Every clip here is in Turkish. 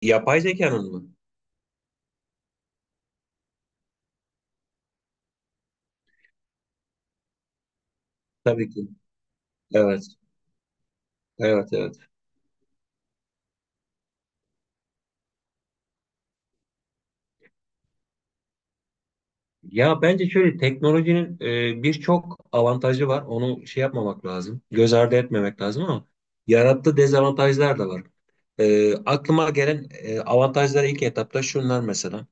Yapay zekanın mı? Tabii ki. Evet. Evet, evet. Ya bence şöyle teknolojinin birçok avantajı var. Onu şey yapmamak lazım. Göz ardı etmemek lazım, ama yarattığı dezavantajlar da var. Aklıma gelen avantajlar ilk etapta şunlar mesela.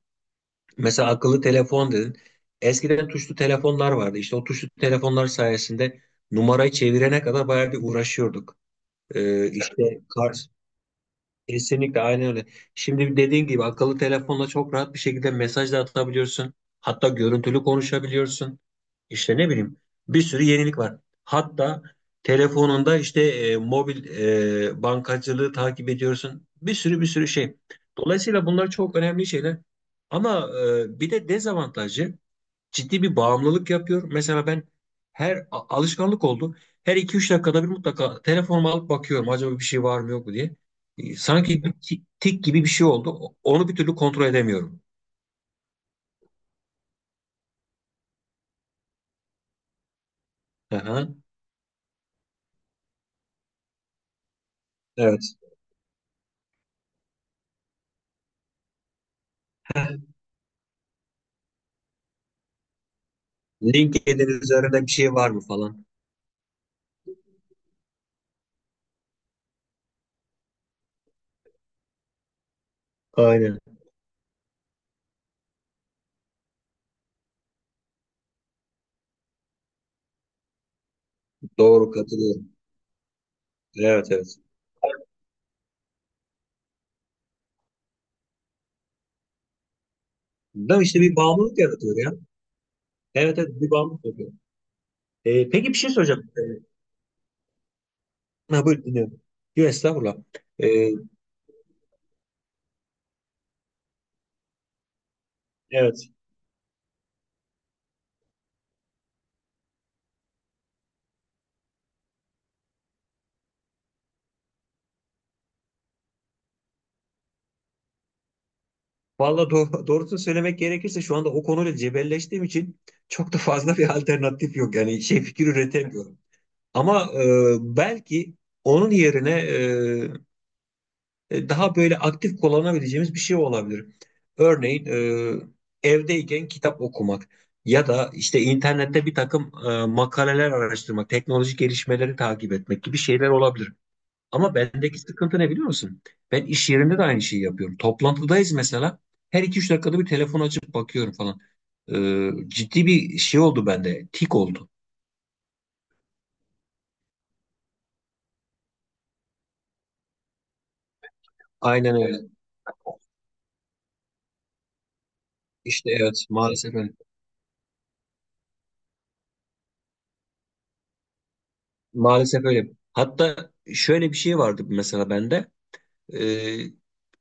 Mesela akıllı telefon dedin. Eskiden tuşlu telefonlar vardı. İşte o tuşlu telefonlar sayesinde numarayı çevirene kadar bayağı bir uğraşıyorduk. E, işte kar- Kesinlikle aynen öyle. Şimdi dediğin gibi akıllı telefonla çok rahat bir şekilde mesaj da atabiliyorsun. Hatta görüntülü konuşabiliyorsun. İşte ne bileyim bir sürü yenilik var. Hatta telefonunda işte mobil bankacılığı takip ediyorsun. Bir sürü şey. Dolayısıyla bunlar çok önemli şeyler. Ama bir de dezavantajı ciddi bir bağımlılık yapıyor. Mesela ben alışkanlık oldu. Her iki üç dakikada bir mutlaka telefonumu alıp bakıyorum, acaba bir şey var mı yok mu diye. Sanki bir tik gibi bir şey oldu. Onu bir türlü kontrol edemiyorum. Aha, evet. LinkedIn üzerinde bir şey var mı falan. Aynen. Doğru, katılıyorum. Evet, evet. Değil mi? İşte bir bağımlılık yaratıyor ya. Evet, evet, bir bağımlılık yapıyor. E, peki bir şey soracağım. E, ha, buyur dinliyorum. Yok estağfurullah. E, evet. Valla doğrusunu söylemek gerekirse şu anda o konuyla cebelleştiğim için çok da fazla bir alternatif yok. Yani şey, fikir üretemiyorum. Ama belki onun yerine daha böyle aktif kullanabileceğimiz bir şey olabilir. Örneğin evdeyken kitap okumak ya da işte internette bir takım makaleler araştırmak, teknolojik gelişmeleri takip etmek gibi şeyler olabilir. Ama bendeki sıkıntı ne biliyor musun? Ben iş yerinde de aynı şeyi yapıyorum. Toplantıdayız mesela. Her iki üç dakikada bir telefon açıp bakıyorum falan. Ciddi bir şey oldu bende. Tik oldu. Aynen öyle. İşte evet, maalesef öyle. Maalesef öyle. Hatta şöyle bir şey vardı mesela bende. Ee,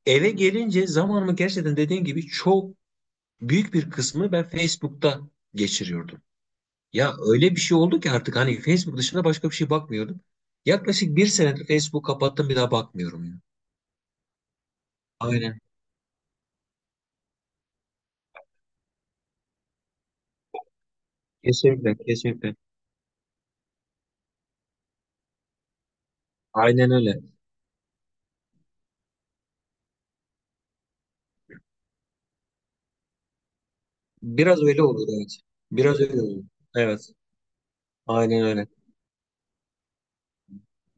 Eve gelince zamanımı gerçekten dediğin gibi çok büyük bir kısmı ben Facebook'ta geçiriyordum. Ya öyle bir şey oldu ki artık hani Facebook dışında başka bir şey bakmıyordum. Yaklaşık bir senedir Facebook kapattım, bir daha bakmıyorum ya. Aynen. Kesinlikle, kesinlikle. Aynen öyle. Biraz öyle olur, evet. Biraz öyle olur. Evet. Aynen öyle.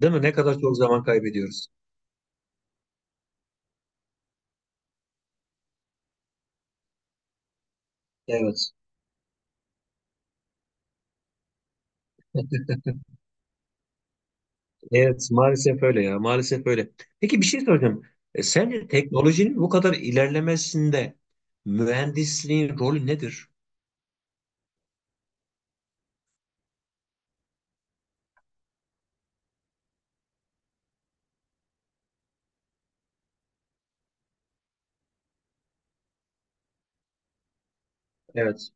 Değil mi? Ne kadar çok zaman kaybediyoruz. Evet. Evet, maalesef öyle ya. Maalesef öyle. Peki bir şey soracağım. E, sence teknolojinin bu kadar ilerlemesinde mühendisliğin rolü nedir? Evet.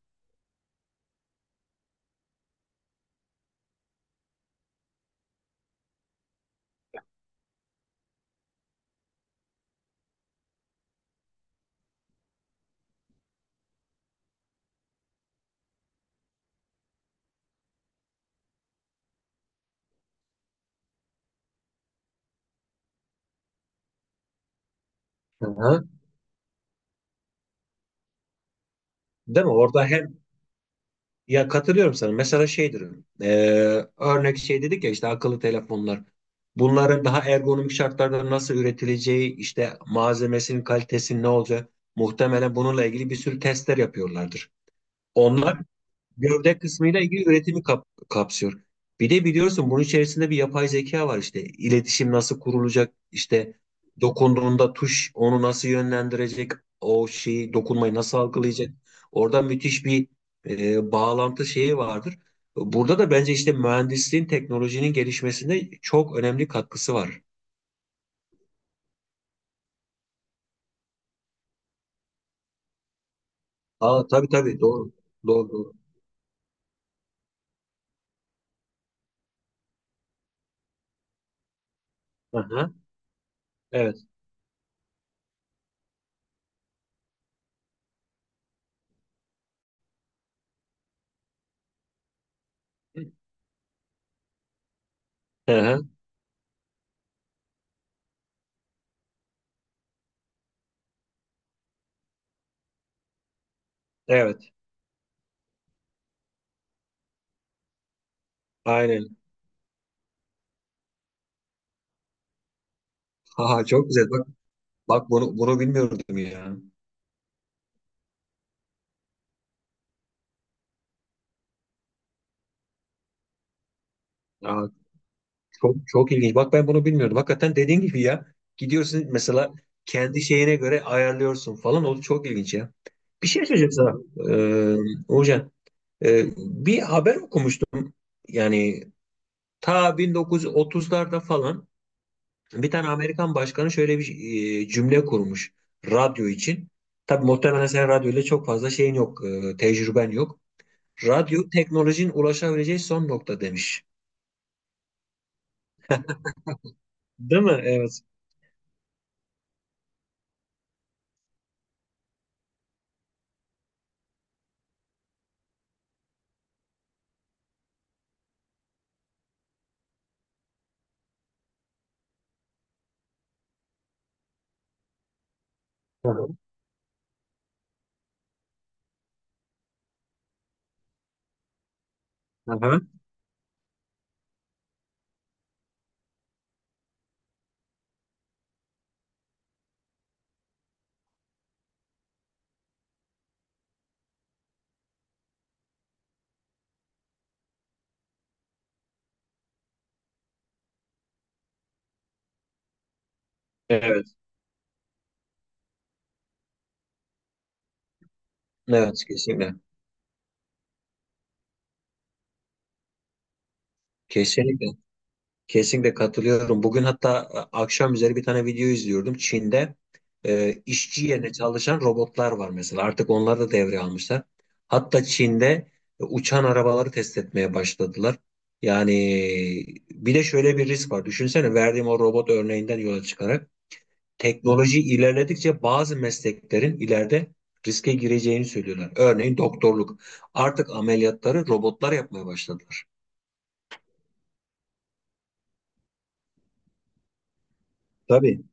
Hı-hı. Değil mi? Orada hem ya katılıyorum sana. Mesela şeydir. e, Örnek şey dedik ya, işte akıllı telefonlar. Bunların daha ergonomik şartlarda nasıl üretileceği, işte malzemesinin kalitesinin ne olacağı, muhtemelen bununla ilgili bir sürü testler yapıyorlardır. Onlar gövde kısmıyla ilgili üretimi kapsıyor. Bir de biliyorsun bunun içerisinde bir yapay zeka var işte. İletişim nasıl kurulacak? İşte dokunduğunda tuş onu nasıl yönlendirecek? O şeyi dokunmayı nasıl algılayacak? Orada müthiş bir bağlantı şeyi vardır. Burada da bence işte mühendisliğin, teknolojinin gelişmesinde çok önemli katkısı var. Aa, tabii tabii, doğru. Doğru, doğru. Aha, evet. Aha, evet. Aynen. Ha, çok güzel. Bak, bak, bunu bilmiyordum ya. Aa, çok çok ilginç. Bak, ben bunu bilmiyordum. Hakikaten dediğin gibi ya. Gidiyorsun mesela kendi şeyine göre ayarlıyorsun falan. O çok ilginç ya. Bir şey söyleyeceğim sana. Ee, Uğurcan. Bir haber okumuştum. Yani ta 1930'larda falan bir tane Amerikan başkanı şöyle bir cümle kurmuş radyo için. Tabii muhtemelen sen radyoyla çok fazla şeyin yok, tecrüben yok. Radyo teknolojinin ulaşabileceği son nokta demiş. Değil mi? Evet. Hı hı. Hı hı. Evet. Evet kesinlikle. Kesinlikle. Kesinlikle katılıyorum. Bugün hatta akşam üzeri bir tane video izliyordum. Çin'de işçi yerine çalışan robotlar var mesela. Artık onları da devreye almışlar. Hatta Çin'de uçan arabaları test etmeye başladılar. Yani bir de şöyle bir risk var. Düşünsene, verdiğim o robot örneğinden yola çıkarak teknoloji ilerledikçe bazı mesleklerin ileride riske gireceğini söylüyorlar. Örneğin doktorluk. Artık ameliyatları robotlar yapmaya başladılar. Tabii.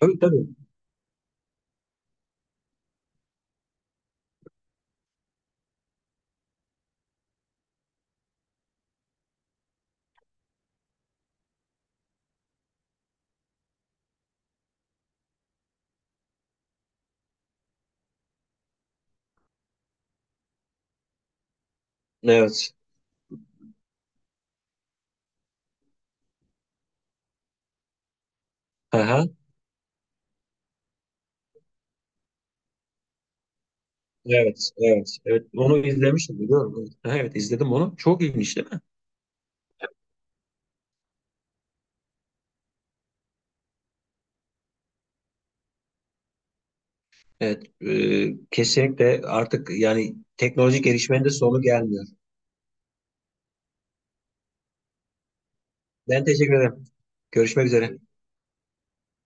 Tabii, tabii. Evet. Aha. Evet. Evet. Evet. Onu izlemiştim, biliyorum. Evet, aha, evet, izledim onu. Çok ilginç değil mi? Evet. Kesinlikle, artık yani teknolojik gelişmenin de sonu gelmiyor. Ben teşekkür ederim. Görüşmek üzere.